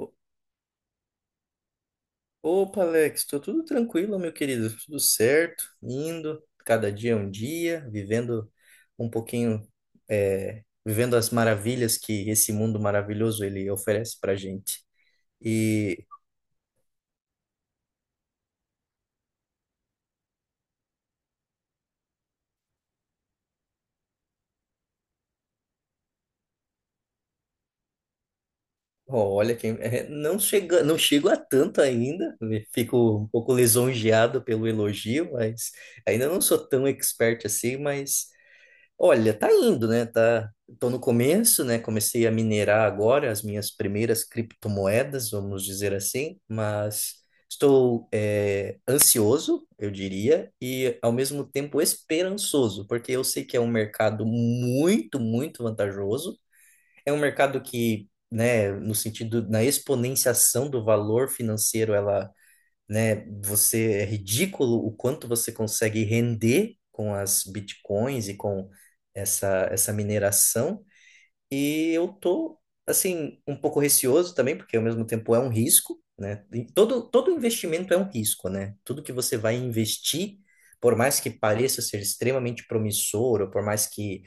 O- Opa, Alex, tô tudo tranquilo, meu querido, tudo certo, indo, cada dia é um dia, vivendo um pouquinho, vivendo as maravilhas que esse mundo maravilhoso ele oferece pra gente. E ó, olha quem, não chego a tanto ainda, né, fico um pouco lisonjeado pelo elogio, mas ainda não sou tão expert assim, mas olha, tá indo, né? Tá, tô no começo, né? Comecei a minerar agora as minhas primeiras criptomoedas, vamos dizer assim, mas estou ansioso, eu diria, e ao mesmo tempo esperançoso, porque eu sei que é um mercado muito, muito vantajoso. É um mercado que, né, no sentido, na exponenciação do valor financeiro, ela, né? Você, é ridículo o quanto você consegue render com as bitcoins e com essa mineração. E eu tô assim um pouco receoso também, porque ao mesmo tempo é um risco, né? E todo investimento é um risco, né? Tudo que você vai investir, por mais que pareça ser extremamente promissor, ou por mais que,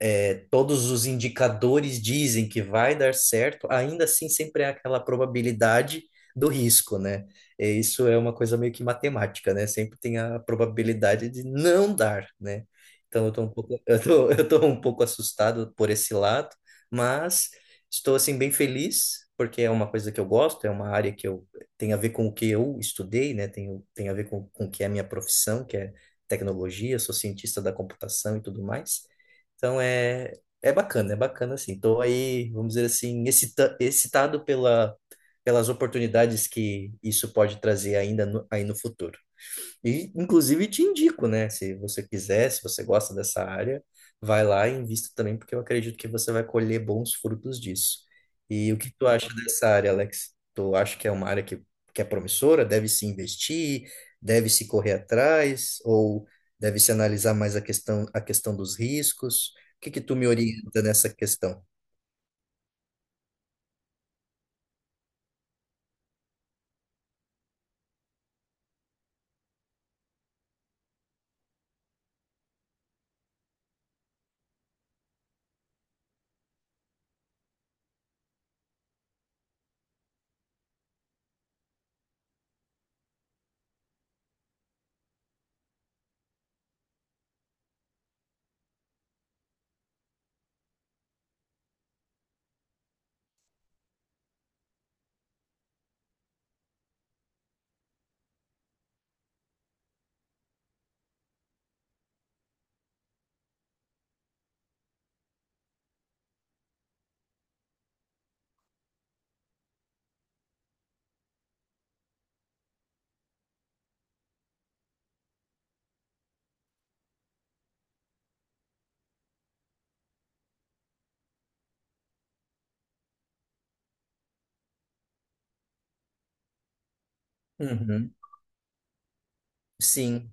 todos os indicadores dizem que vai dar certo, ainda assim sempre é aquela probabilidade do risco, né? É, isso é uma coisa meio que matemática, né? Sempre tem a probabilidade de não dar, né? Então eu tô um pouco, eu tô um pouco assustado por esse lado, mas estou assim bem feliz porque é uma coisa que eu gosto, é uma área que eu, tem a ver com o que eu estudei, né? Tem a ver com o que é a minha profissão, que é tecnologia, sou cientista da computação e tudo mais. Então é, é bacana assim. Estou aí, vamos dizer assim, excitado pela, pelas oportunidades que isso pode trazer ainda aí no futuro. E, inclusive, te indico, né? Se você quiser, se você gosta dessa área, vai lá e invista também, porque eu acredito que você vai colher bons frutos disso. E o que tu acha dessa área, Alex? Tu acha que é uma área que é promissora? Deve se investir? Deve se correr atrás? Ou deve se analisar mais a questão dos riscos? O que que tu me orienta nessa questão? Uhum. Sim.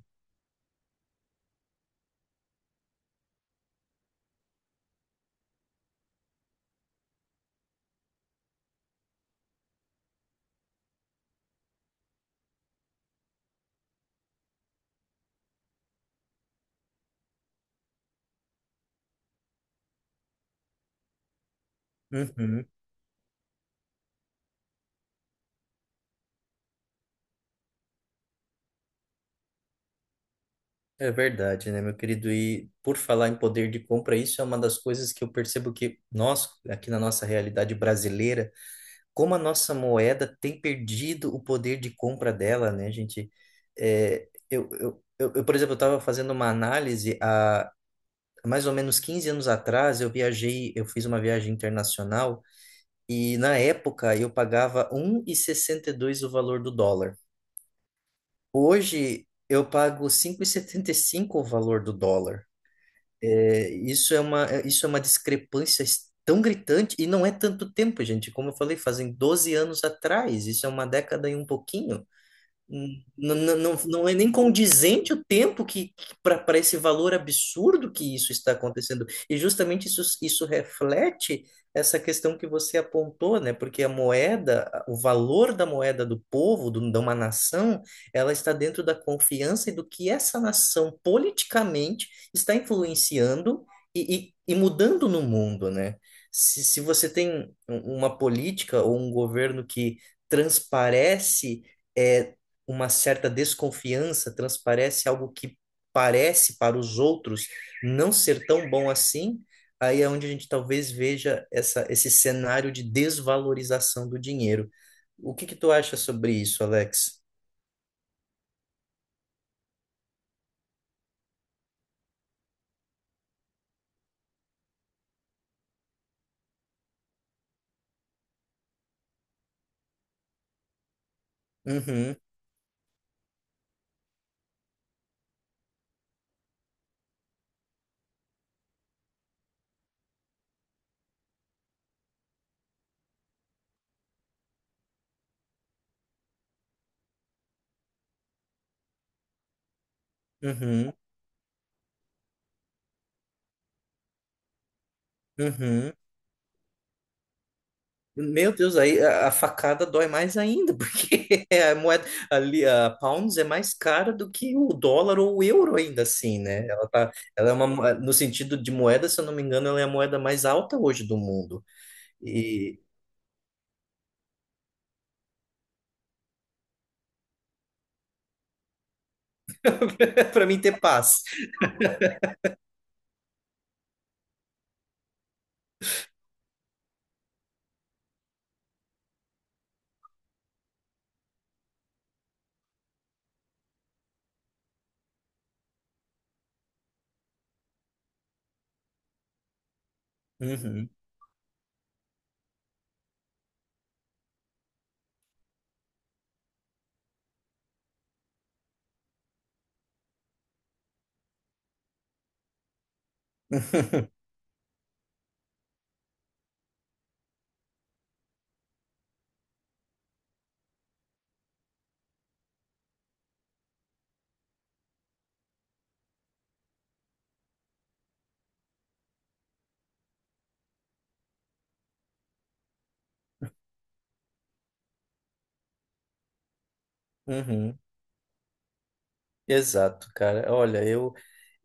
Uhum. É verdade, né, meu querido? E por falar em poder de compra, isso é uma das coisas que eu percebo que nós, aqui na nossa realidade brasileira, como a nossa moeda tem perdido o poder de compra dela, né, gente? É, por exemplo, eu estava fazendo uma análise há mais ou menos 15 anos atrás, eu viajei, eu fiz uma viagem internacional e na época eu pagava um e sessenta e dois o valor do dólar. Hoje eu pago cinco e setenta e cinco o valor do dólar. É, isso é uma discrepância tão gritante, e não é tanto tempo, gente. Como eu falei, fazem 12 anos atrás, isso é uma década e um pouquinho. Não, não, é nem condizente o tempo que, para esse valor absurdo que isso está acontecendo. E justamente isso, isso reflete essa questão que você apontou, né? Porque a moeda, o valor da moeda do povo, do, de uma nação, ela está dentro da confiança e do que essa nação politicamente está influenciando e mudando no mundo, né? Se você tem uma política ou um governo que transparece é uma certa desconfiança, transparece algo que parece para os outros não ser tão bom assim, aí é onde a gente talvez veja essa, esse cenário de desvalorização do dinheiro. O que que tu acha sobre isso, Alex? Uhum, uhum, uhum. Meu Deus, aí a facada dói mais ainda, porque é a moeda ali, a pounds é mais cara do que o dólar ou o euro ainda assim, né? Ela tá, ela é uma, no sentido de moeda, se eu não me engano, ela é a moeda mais alta hoje do mundo. E para mim ter paz. Uhum. Uhum. Exato, cara. Olha, eu.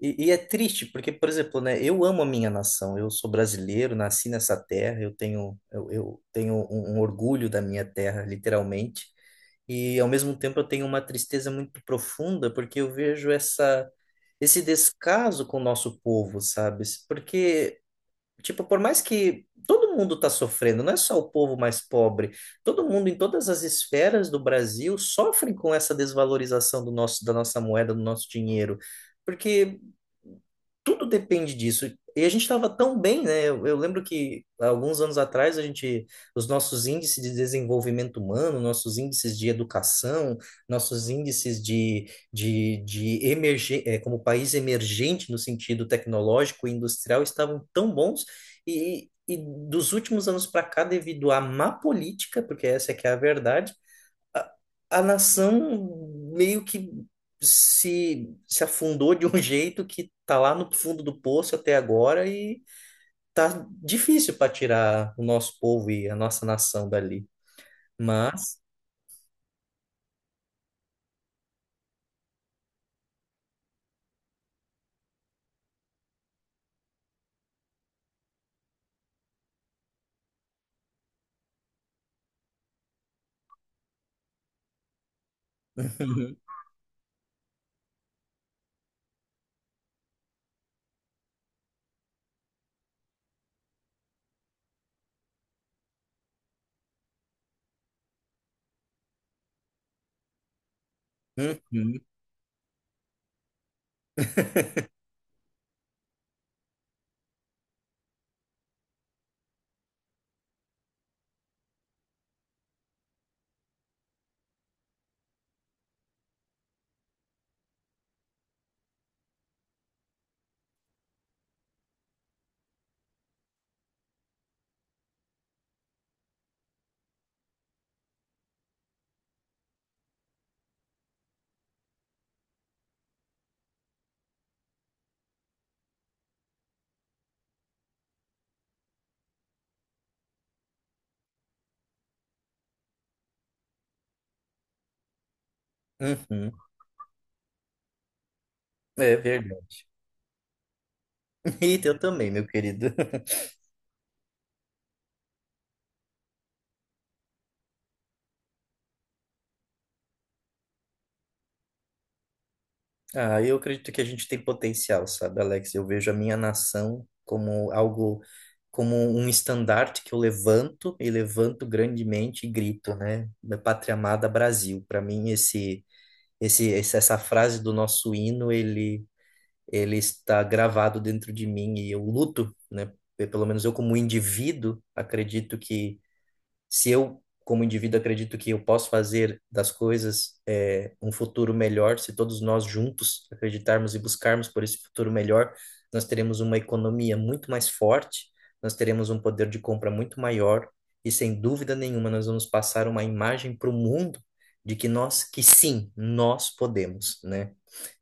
E é triste, porque, por exemplo, né, eu amo a minha nação, eu sou brasileiro, nasci nessa terra, eu tenho, eu tenho um, um orgulho da minha terra, literalmente, e ao mesmo tempo eu tenho uma tristeza muito profunda, porque eu vejo essa, esse descaso com o nosso povo, sabe? Porque, tipo, por mais que todo mundo está sofrendo, não é só o povo mais pobre, todo mundo em todas as esferas do Brasil sofre com essa desvalorização do nosso, da nossa moeda, do nosso dinheiro, porque tudo depende disso. E a gente estava tão bem, né? Eu lembro que há alguns anos atrás a gente, os nossos índices de desenvolvimento humano, nossos índices de educação, nossos índices como país emergente no sentido tecnológico e industrial estavam tão bons e dos últimos anos para cá, devido à má política, porque essa é que é a verdade, a, a nação meio que se afundou de um jeito que tá lá no fundo do poço até agora e tá difícil para tirar o nosso povo e a nossa nação dali. Mas. Uhum, uhum, uhum. É verdade. E eu também, meu querido. Ah, eu acredito que a gente tem potencial, sabe, Alex? Eu vejo a minha nação como algo, como um estandarte que eu levanto e levanto grandemente e grito, né? Minha pátria amada Brasil. Para mim, essa frase do nosso hino, ele está gravado dentro de mim e eu luto, né? Pelo menos eu, como indivíduo, acredito que se eu, como indivíduo, acredito que eu posso fazer das coisas, é, um futuro melhor, se todos nós juntos acreditarmos e buscarmos por esse futuro melhor, nós teremos uma economia muito mais forte, nós teremos um poder de compra muito maior e, sem dúvida nenhuma, nós vamos passar uma imagem para o mundo de que nós, que sim, nós podemos, né?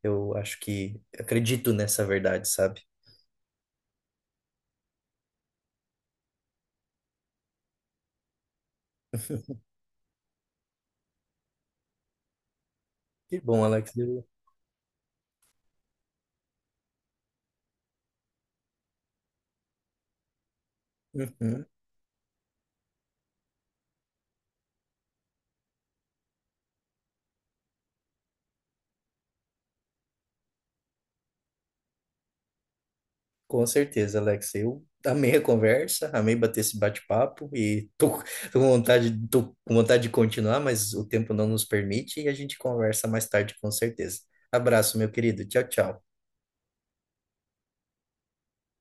Eu acho que acredito nessa verdade, sabe? Que bom, Alex. Eu- Uhum. Com certeza, Alex. Eu amei a conversa, amei bater esse bate-papo e tô, tô com vontade de continuar, mas o tempo não nos permite e a gente conversa mais tarde, com certeza. Abraço, meu querido. Tchau, tchau.